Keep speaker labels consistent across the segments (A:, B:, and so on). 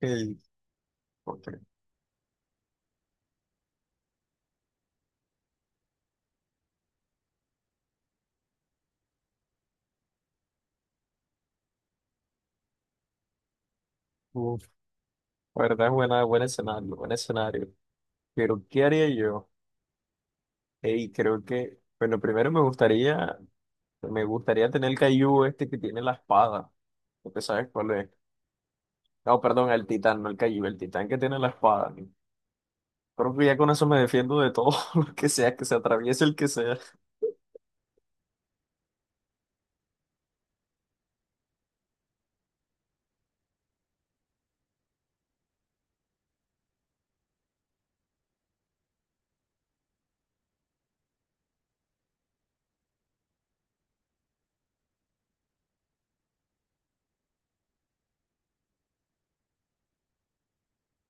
A: El, ok. Uf, la verdad es buena, buen escenario, buen escenario. Pero, ¿qué haría yo? Hey, creo que, bueno, primero me gustaría tener el Caillou este que tiene la espada. Porque sabes cuál es. No, perdón, el titán, no el Caillou, el titán que tiene la espada, ¿no? Creo que ya con eso me defiendo de todo lo que sea, que se atraviese el que sea.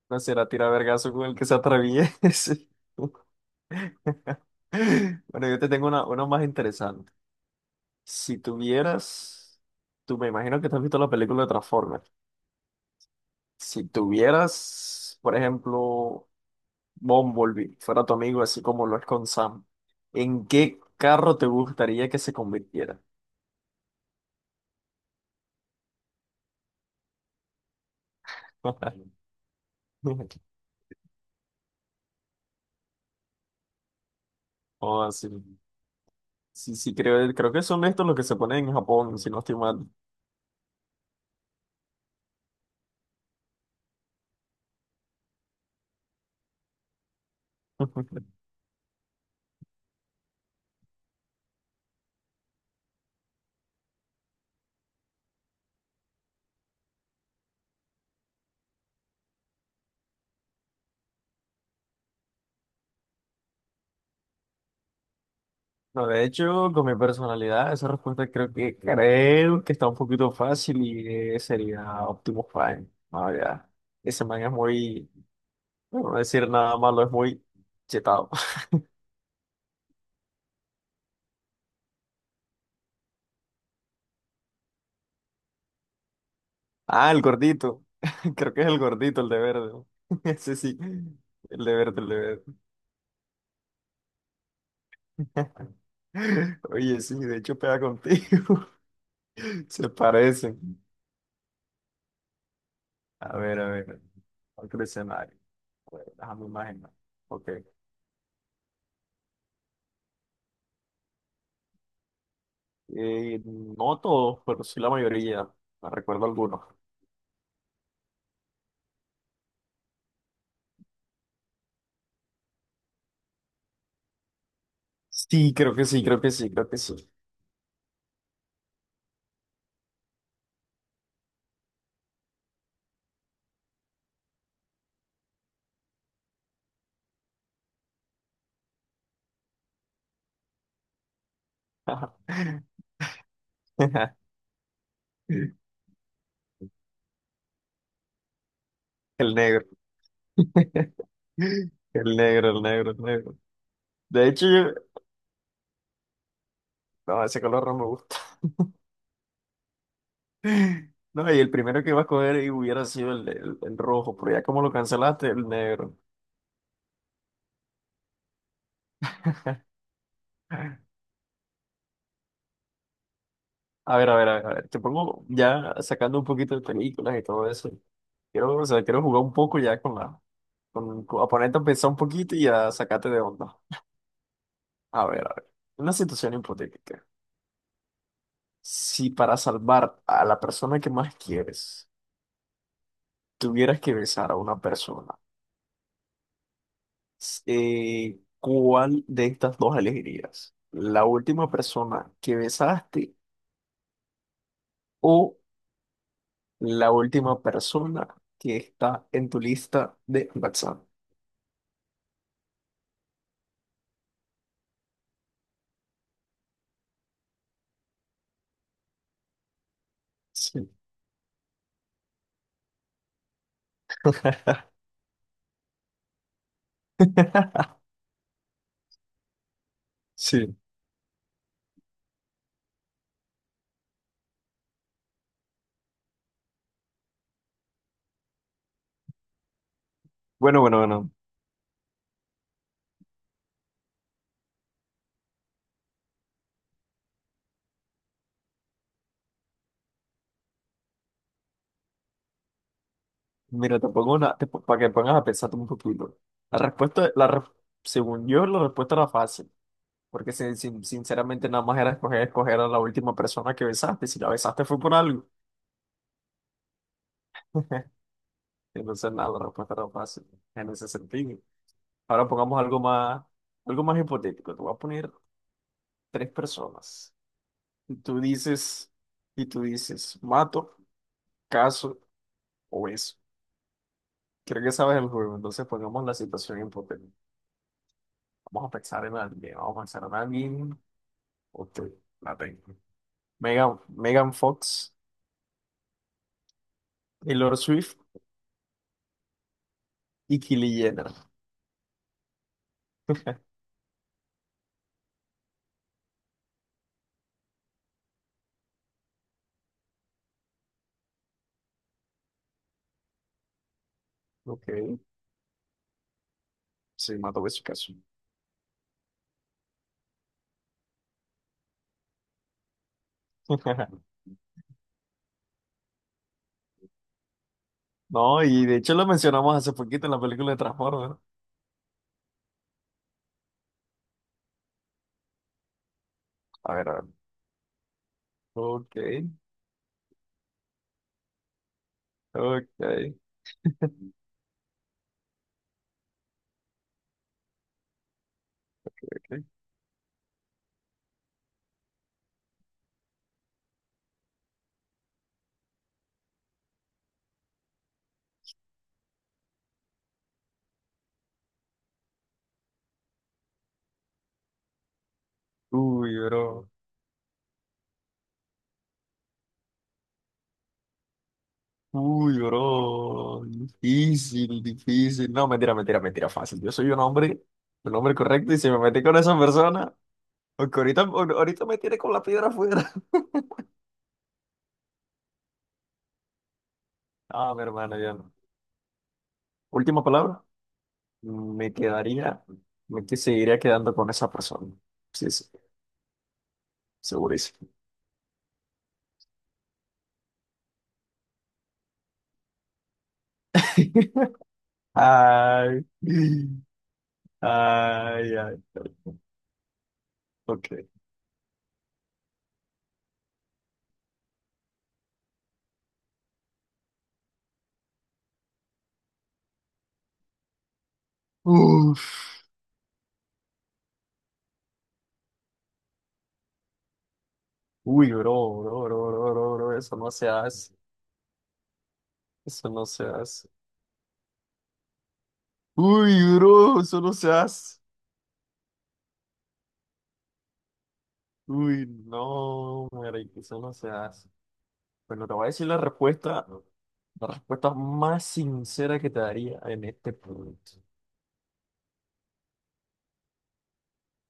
A: No será tirar vergazo con el que se atraviese. Bueno, yo te tengo una más interesante. Si tuvieras, tú me imagino que te has visto la película de Transformers. Si tuvieras, por ejemplo, Bumblebee, fuera tu amigo, así como lo es con Sam, ¿en qué carro te gustaría que se convirtiera? O así. Sí, sí, creo, creo que son estos los que se ponen en Japón, si no estoy mal. No, de hecho, con mi personalidad, esa respuesta creo que está un poquito fácil y sería Optimus Prime. Ah, ya. Ese man es muy, no voy a decir nada malo, es muy chetado. Ah, el gordito. Creo que es el gordito, el de verde. Ese sí. El de verde, el de verde. Oye, sí, de hecho pega contigo. Se parecen. A ver, a ver. Otro escenario. Pues, déjame imaginar. Ok. No todos, pero sí la mayoría. Me recuerdo algunos. Sí, creo que sí, creo que sí, creo que sí. El negro. El negro, el negro, el negro. De hecho, no, ese color no me gusta. No, y el primero que iba a coger y hubiera sido el, rojo, pero ya como lo cancelaste, el negro. A ver, a ver, a ver, a ver, te pongo ya sacando un poquito de películas y todo eso. Quiero, o sea, quiero jugar un poco ya con la, con- a ponerte a pensar un poquito y a sacarte de onda. A ver, una situación hipotética. Si para salvar a la persona que más quieres, tuvieras que besar a una persona, ¿cuál de estas dos elegirías? ¿La última persona que besaste? ¿O la última persona que está en tu lista de WhatsApp? Sí. Sí. Bueno, bueno, bueno. Mira, te pongo una, para que pongas a pensar un poquito. La respuesta, según yo, la respuesta era fácil, porque sinceramente nada más era escoger a la última persona que besaste. Si la besaste fue por algo. Entonces, nada, la respuesta era fácil en ese sentido. Ahora pongamos algo más hipotético. Te voy a poner tres personas. Y tú dices, y tú dices, mato, caso o beso. Creo que sabes el juego, entonces pongamos la situación hipotética. Vamos a pensar en alguien, vamos a pensar en alguien. Ok, la tengo. Megan Fox, Taylor Swift y Kylie Jenner. Ok, sí, mato, beso, caso. No, y de hecho lo mencionamos hace poquito en la película de Transformers. A ver, a ver. Ok, ok. Uy, bro. Uy, bro, difícil, difícil. No, mentira, mentira, mentira, fácil. Yo soy un hombre correcto y si me metí con esa persona, aunque ahorita, ahorita me tiene con la piedra afuera. Ah, mi hermano, ya no. Última palabra, me quedaría, seguiría quedando con esa persona. Sí, sí, segurísimo. Ay, ay, ay. Ok. Uf. Uy, bro, bro, bro, bro, bro, bro, eso no se hace, eso no se hace. Uy, bro, eso no se hace. Uy, no, marica, eso no se hace. Bueno, te voy a decir la respuesta más sincera que te daría en este punto.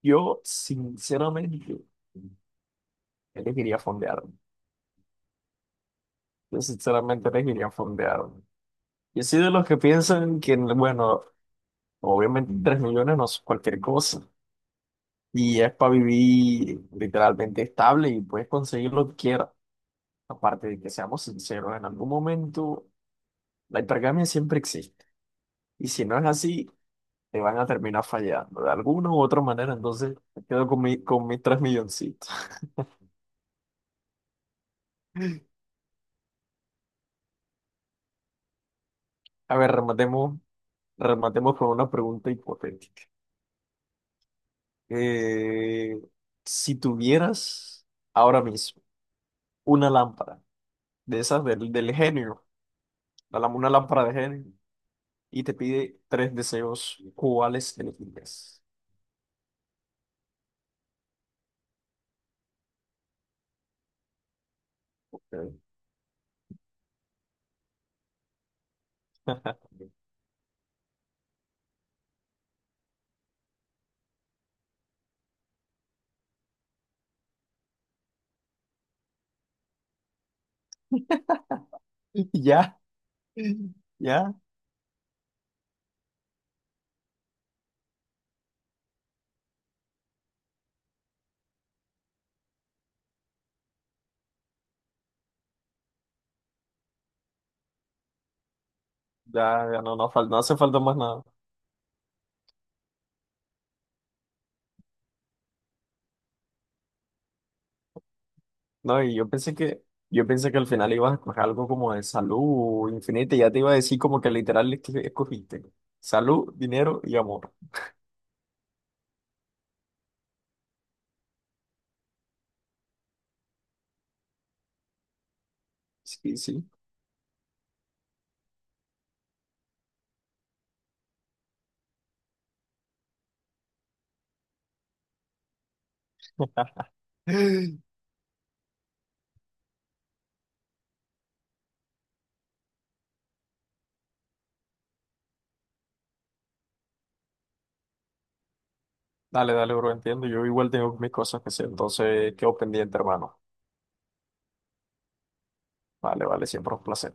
A: Yo, sinceramente, elegiría fondear. Yo, sinceramente, elegiría fondear. Yo soy de los que piensan que, bueno, obviamente tres millones no es cualquier cosa. Y es para vivir literalmente estable y puedes conseguir lo que quieras. Aparte de que seamos sinceros, en algún momento la hipergamia siempre existe. Y si no es así, te van a terminar fallando de alguna u otra manera. Entonces, me quedo con mi, con mis tres milloncitos. A ver, rematemos, rematemos con una pregunta hipotética. Eh, si tuvieras ahora mismo una lámpara de esas del, del genio, una lámpara de genio, y te pide tres deseos, ¿cuáles elegirías? Ok. Ya, ya, ya, ya no, no, no hace falta más nada. No, y yo pensé que al final ibas a escoger algo como de salud infinita, y ya te iba a decir como que literal es que escogiste. Salud, dinero y amor. Sí, sí. Dale, dale, bro, entiendo. Yo igual tengo mis cosas que hacer, entonces quedo pendiente, hermano. Vale, vale, siempre un placer.